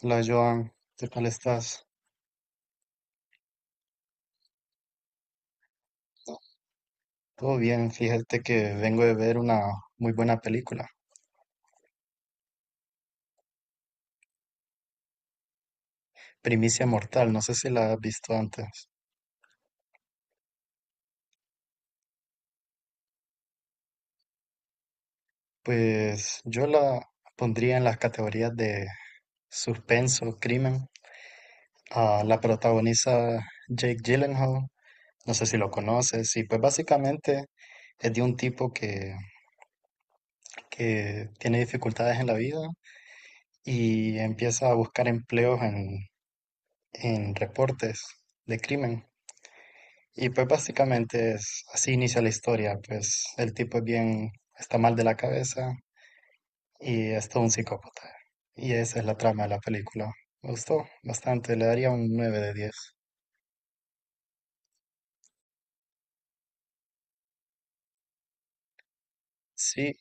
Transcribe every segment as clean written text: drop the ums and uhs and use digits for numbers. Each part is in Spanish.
Hola Joan, ¿qué tal estás? Todo bien, fíjate que vengo de ver una muy buena película, Primicia Mortal, no sé si la has visto antes. Pues yo la pondría en las categorías de suspenso, crimen. Ah, la protagoniza Jake Gyllenhaal, no sé si lo conoces, y pues básicamente es de un tipo que tiene dificultades en la vida y empieza a buscar empleos en reportes de crimen. Y pues básicamente es así inicia la historia, pues el tipo es bien, está mal de la cabeza y es todo un psicópata. Y esa es la trama de la película. Me gustó bastante, le daría un 9/10. Sí,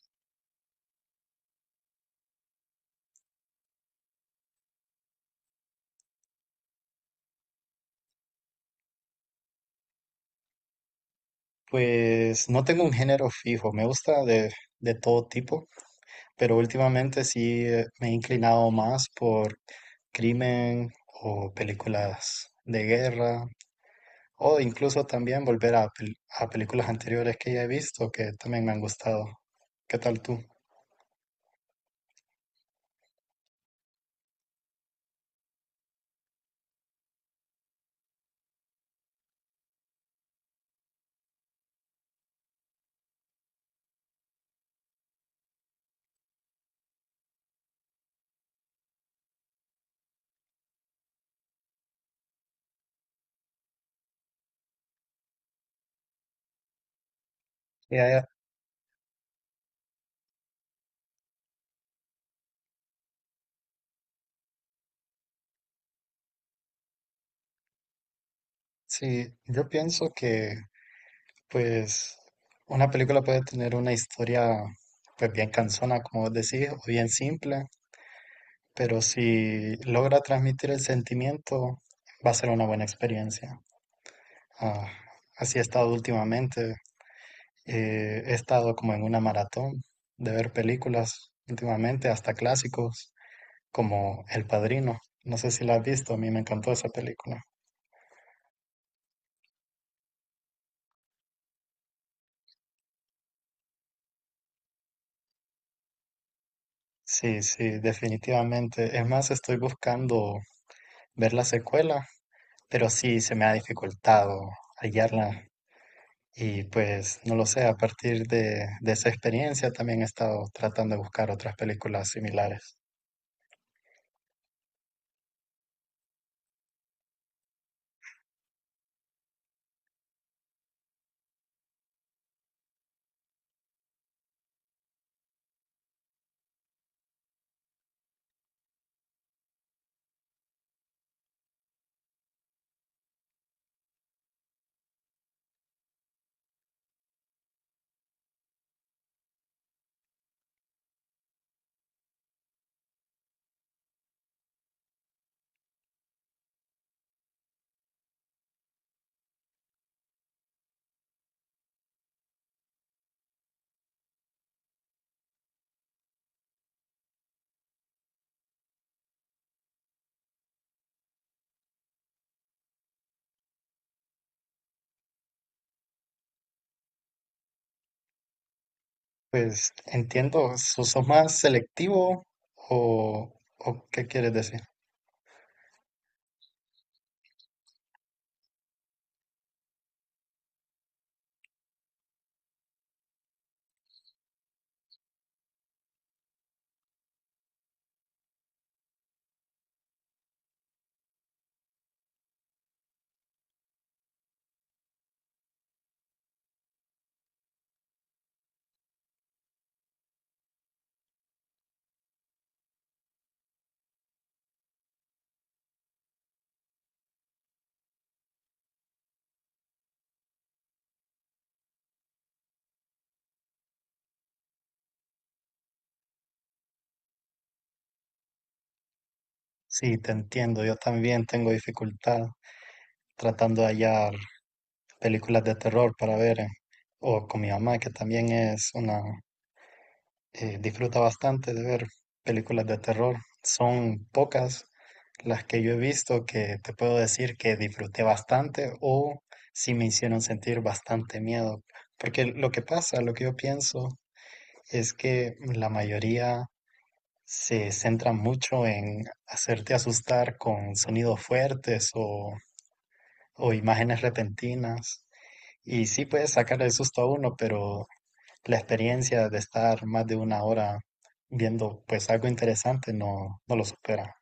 pues no tengo un género fijo, me gusta de todo tipo, pero últimamente sí me he inclinado más por crimen o películas de guerra. O incluso también volver a, a películas anteriores que ya he visto que también me han gustado. ¿Qué tal tú? Ya, ya. Sí, yo pienso que pues una película puede tener una historia pues bien cansona, como vos decís, o bien simple, pero si logra transmitir el sentimiento, va a ser una buena experiencia. Ah, así he estado últimamente. He estado como en una maratón de ver películas últimamente, hasta clásicos, como El Padrino. No sé si la has visto, a mí me encantó esa película. Sí, sí, definitivamente. Es más, estoy buscando ver la secuela, pero sí se me ha dificultado hallarla. Y pues, no lo sé, a partir de esa experiencia también he estado tratando de buscar otras películas similares. Pues entiendo, ¿sos más selectivo o qué quieres decir? Sí, te entiendo. Yo también tengo dificultad tratando de hallar películas de terror para ver, o con mi mamá, que también es disfruta bastante de ver películas de terror. Son pocas las que yo he visto que te puedo decir que disfruté bastante o sí me hicieron sentir bastante miedo. Porque lo que pasa, lo que yo pienso es que la mayoría se centra mucho en hacerte asustar con sonidos fuertes o imágenes repentinas. Y sí puede sacar el susto a uno, pero la experiencia de estar más de 1 hora viendo pues algo interesante no, no lo supera.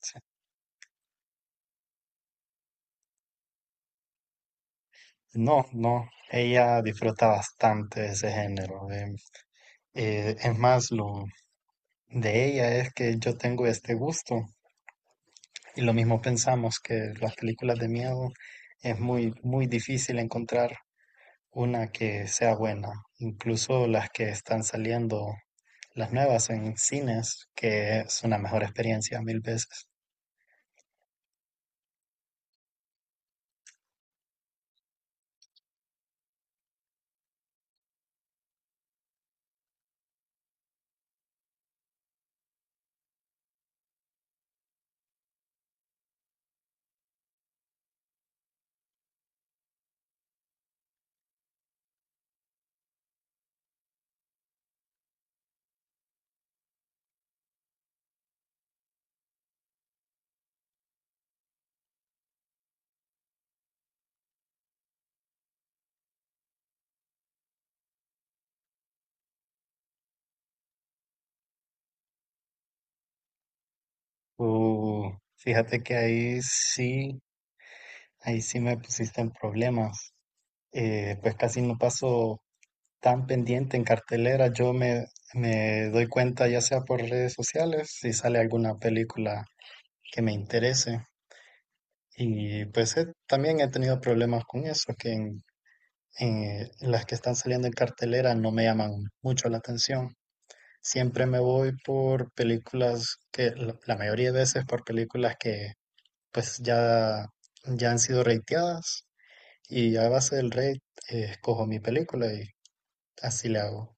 Sí. No, no, ella disfruta bastante de ese género. Es más, lo de ella es que yo tengo este gusto y lo mismo pensamos que las películas de miedo es muy, muy difícil encontrar una que sea buena. Incluso las que están saliendo, las nuevas en cines, que es una mejor experiencia mil veces. Uh, fíjate que ahí sí me pusiste en problemas. Pues casi no paso tan pendiente en cartelera. Me doy cuenta ya sea por redes sociales si sale alguna película que me interese. Y pues también he tenido problemas con eso, que en las que están saliendo en cartelera no me llaman mucho la atención. Siempre me voy por películas que, la mayoría de veces por películas que pues ya han sido rateadas y a base del rate, escojo mi película y así le hago.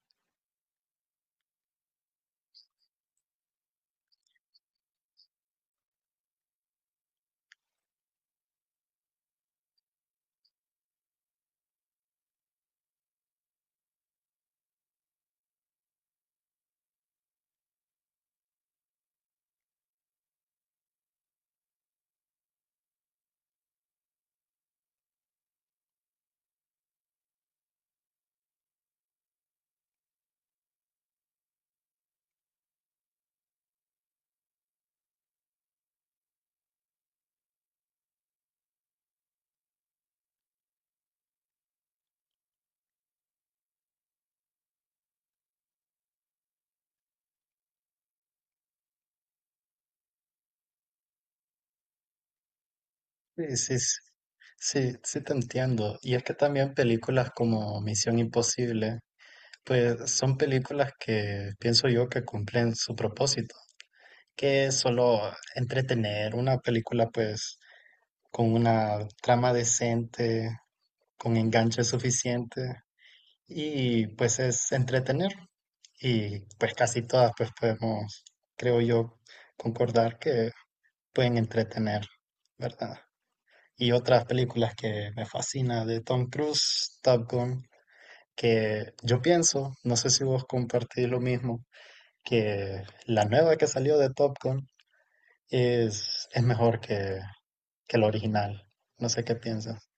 Y sí, sí, sí te entiendo. Y es que también películas como Misión Imposible, pues son películas que pienso yo que cumplen su propósito, que solo entretener. Una película pues con una trama decente, con enganche suficiente y pues es entretener, y pues casi todas pues podemos, creo yo, concordar que pueden entretener, ¿verdad? Y otras películas que me fascina de Tom Cruise, Top Gun, que yo pienso, no sé si vos compartís lo mismo, que la nueva que salió de Top Gun es mejor que el original. No sé qué piensas.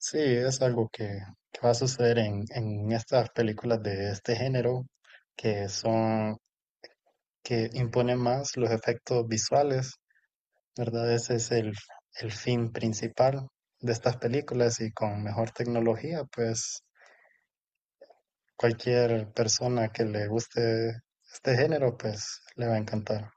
Sí, es algo que va a suceder en estas películas de este género, que son, que imponen más los efectos visuales, ¿verdad? Ese es el fin principal de estas películas y con mejor tecnología, pues cualquier persona que le guste este género, pues le va a encantar.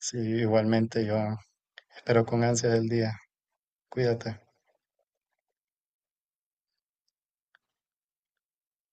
Sí, igualmente yo espero con ansias el día. Cuídate.